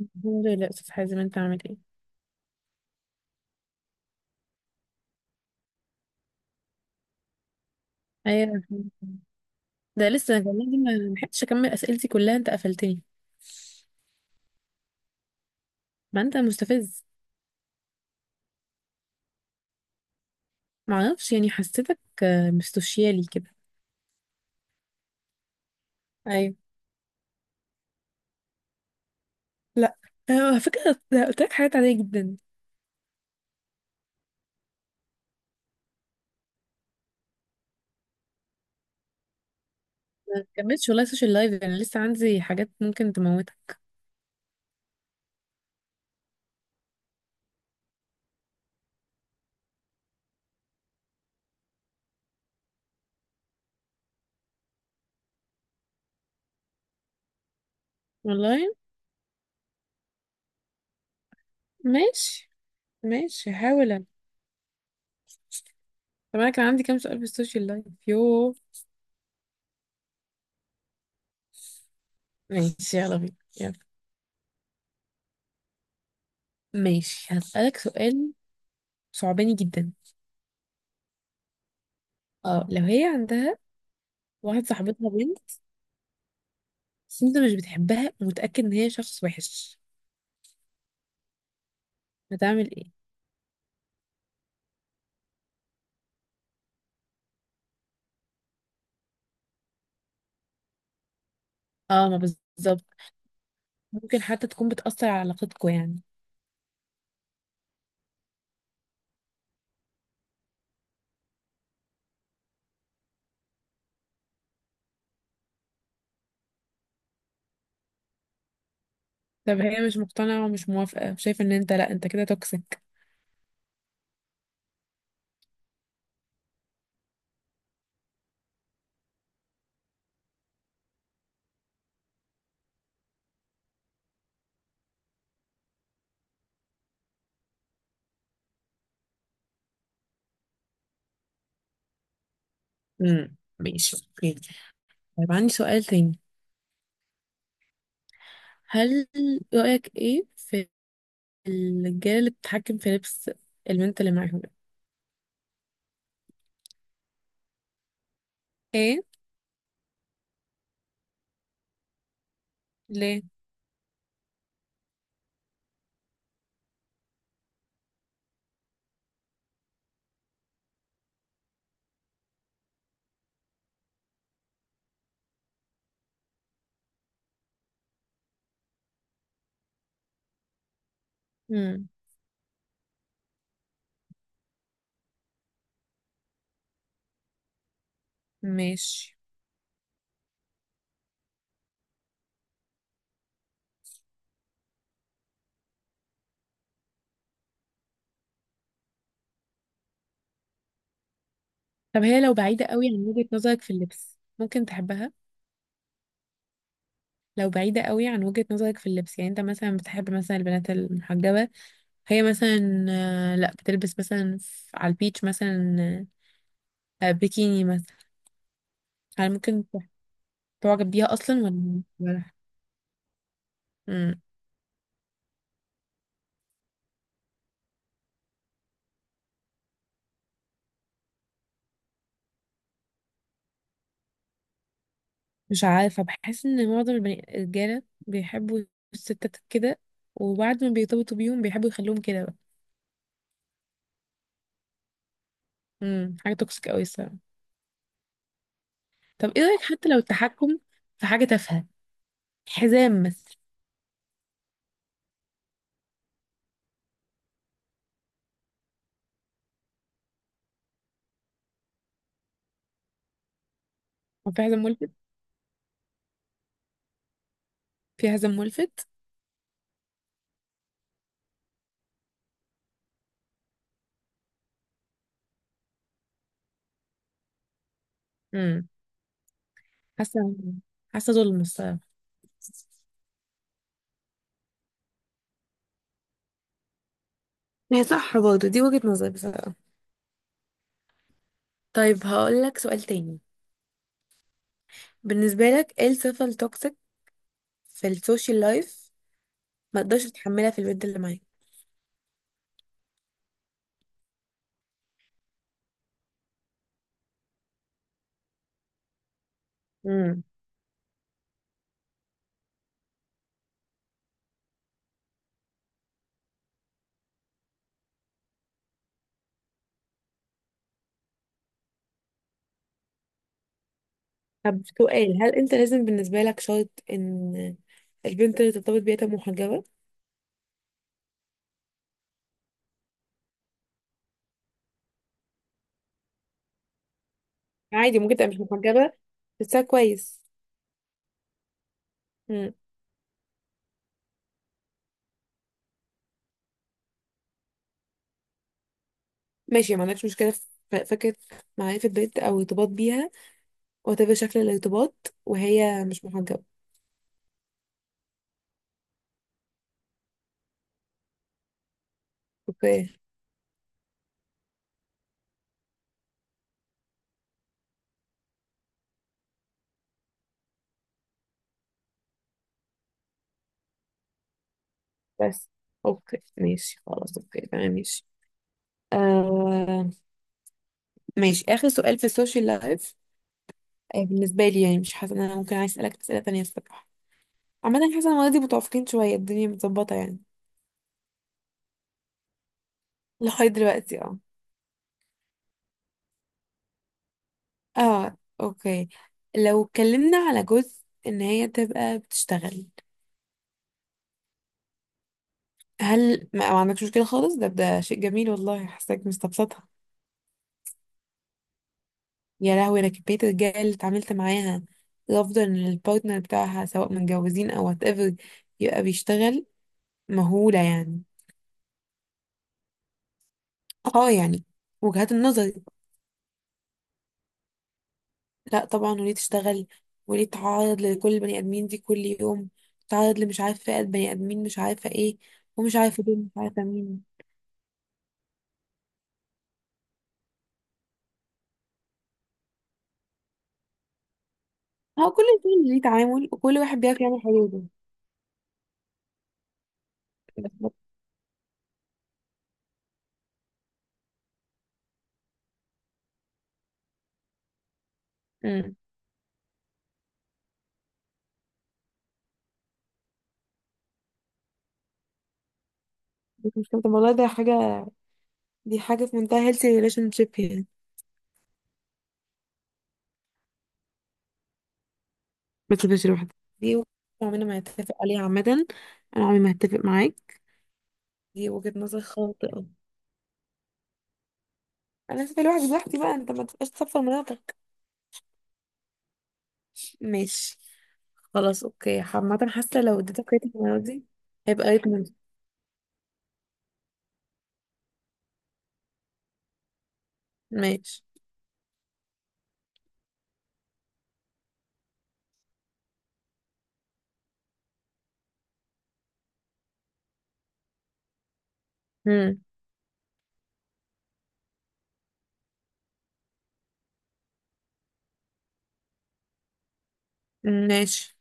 الحمد لله، استاذ حازم، انت عامل ايه؟ ايوه، الحمد لله. ده لسه أنا والله، دي ما لحقتش اكمل اسئلتي كلها، انت قفلتني. ما انت مستفز. ما اعرفش، يعني حسيتك مستوشيالي كده. ايوه. لا. على فكره ده قلت لك حاجات عاديه جدا. ما كملتش والله، سوشيال لايف انا لسه عندي حاجات ممكن تموتك. والله. ماشي. ماشي هحاول أنا. طب انا كان عندي كام سؤال في السوشيال لايف، يوه. ماشي يلا بينا. يلا. ماشي هسألك سؤال. صعباني جدا. اه، لو هي عندها واحد صاحبتها بنت، بس انت مش بتحبها ومتأكد ان هي شخص وحش، هتعمل ايه؟ اه، ما بالظبط. ممكن حتى تكون بتأثر على علاقتكوا يعني. طب هي مش مقتنعة ومش موافقة وشايفة ان انت، لا انت كده توكسيك. امم، ماشي اوكي. طيب عندي سؤال تاني. هل رأيك ايه في الرجالة اللي بتتحكم في لبس البنت اللي معاهم؟ ايه؟ ليه؟ امم، ماشي. طب هي لو بعيدة قوي عن وجهة نظرك في اللبس، ممكن تحبها؟ لو بعيدة قوي عن وجهة نظرك في اللبس، يعني انت مثلا بتحب مثلا البنات المحجبة. هي مثلا لا بتلبس مثلا على البيتش مثلا، بيكيني مثلا. هل ممكن ت- تعجب بيها اصلا ولا؟ مم. مش عارفه، بحس ان معظم الرجاله بيحبوا الستات كده، وبعد ما بيرتبطوا بيهم بيحبوا يخلوهم كده بقى. مم. حاجه توكسيك قوي الصراحه. طب ايه رايك حتى لو التحكم في حاجه تافهه، حزام مثلا؟ هو في حزام ملفت؟ في حزام ملفت. مم. حاسه حاسه ظلم الصراحه. هي صح برضه، دي وجهة نظري بصراحة. طيب هقول لك سؤال تاني. بالنسبة لك ايه الصفة التوكسيك في السوشيال لايف ما تقدرش تتحملها في البنت اللي معاك؟ امم. طب سؤال، هل انت لازم بالنسبة لك شرط ان البنت اللي ترتبط بيها تبقى محجبة؟ عادي ممكن تبقى مش محجبة بس كويس؟ امم، ماشي. ما عندكش مشكلة في فكرة معرفة بنت او ارتباط بيها وتبقى شكل الارتباط وهي مش محجبة؟ اوكي بس. اوكي ماشي، خلاص اوكي تمام ماشي. آه. ماشي، اخر سؤال في السوشيال لايف. بالنسبة لي يعني مش حاسة إن أنا ممكن عايز أسألك أسئلة تانية الصراحة. عامة حاسة إن ولادي متوافقين شوية، الدنيا متظبطة يعني. لغاية دلوقتي اه. اه، اوكي. لو اتكلمنا على جزء إن هي تبقى بتشتغل؟ هل ما عندكش مشكلة خالص؟ ده شيء جميل والله، حاساك مستبسطها. يا لهوي، أنا كمية الرجالة اللي اتعاملت معاها، الأفضل إن البارتنر بتاعها سواء متجوزين أو وات ايفر يبقى بيشتغل، مهولة يعني. اه يعني، وجهات النظر. لا طبعا، وليه تشتغل؟ وليه تتعرض لكل البني ادمين دي كل يوم؟ تتعرض لمش عارفه فئه بني ادمين مش عارفه ايه، ومش عارفه دول مش عارفه مين. هو كل الفيلم ليه تعامل وكل واحد بيعرف يعمل حلوله. امم. بس مش كده والله، ده حاجه، دي حاجه في منتهى هيلثي ريليشن شيب يعني. ما تسيبهاش لوحدها؟ دي وجهة نظر عمرنا ما هتفق عليها عامه. انا عمري ما هتفق معاك، دي وجهه نظر خاطئه. انا هسيب الواحد لوحدي بقى، انت ما تبقاش تصفر مناطق. ماشي. خلاص اوكي، عامة حاسة لو اديتك ريت المرة دي هيبقى ريت منزل. ماشي. مم. ماشي.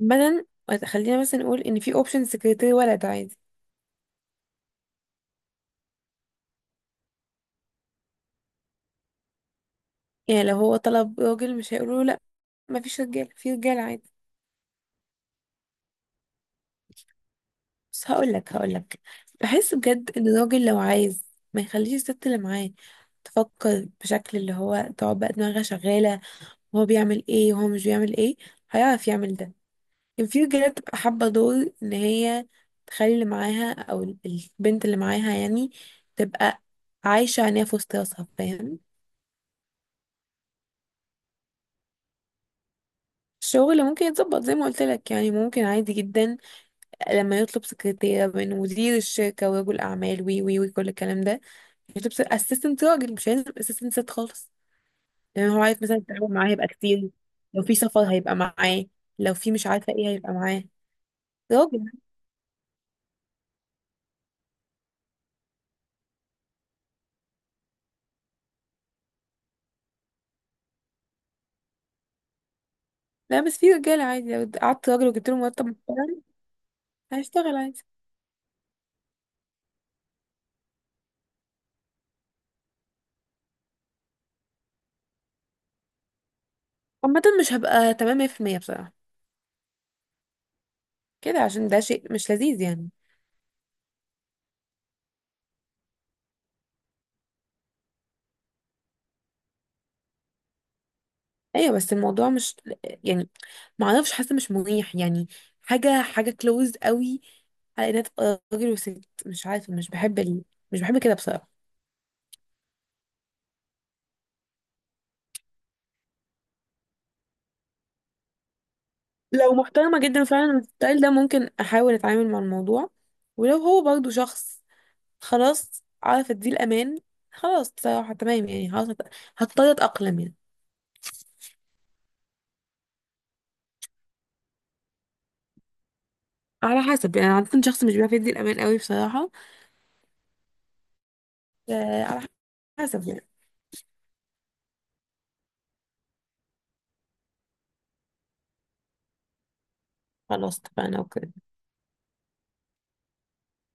مثلا، خلينا مثلا نقول ان في اوبشن سكرتير ولد عادي؟ يعني لو هو طلب راجل مش هيقولوا له لا مفيش رجاله، في رجاله عادي. بس هقول لك، بحس بجد ان الراجل لو عايز ما يخليش الست اللي معاه تفكر بشكل اللي هو تقعد بقى دماغها شغاله، وهو بيعمل ايه وهو مش بيعمل ايه، هيعرف يعمل ده. كان في رجالة بتبقى حابة دور إن هي تخلي اللي معاها أو البنت اللي معاها يعني، تبقى عايشة عينيها في وسط راسها فاهم. الشغل ممكن يتظبط زي ما قلت لك، يعني ممكن عادي جدا. لما يطلب سكرتيرة من مدير الشركة ورجل أعمال وي وي وكل الكلام ده، يطلب اسيستنت راجل، مش هيلزم اسيستنت ست خالص. لأن هو عارف مثلا التعاون معاه هيبقى كتير، لو في سفر هيبقى معاه، لو في مش عارفة ايه هيبقى معاه راجل. لا بس في رجالة عادي، لو قعدت راجل وجبت له مرتب محترم هيشتغل عادي. عامة مش هبقى تمام 100% بصراحة كده، عشان ده شيء مش لذيذ يعني. ايوه بس الموضوع مش، يعني ما اعرفش، حاسة مش مريح يعني. حاجة حاجة كلوز قوي على انها تبقى راجل وست، مش عارفة مش بحب ال، مش بحب كده بصراحة. لو محترمة جدا فعلا الستايل ده ممكن احاول اتعامل مع الموضوع، ولو هو برضو شخص خلاص عارف اديه الامان، خلاص بصراحة تمام يعني، خلاص هضطر اتأقلم يعني. على حسب يعني، عادة شخص مش بيعرف يدي الامان قوي بصراحة. على حسب يعني. خلاص اتفقنا اوكي.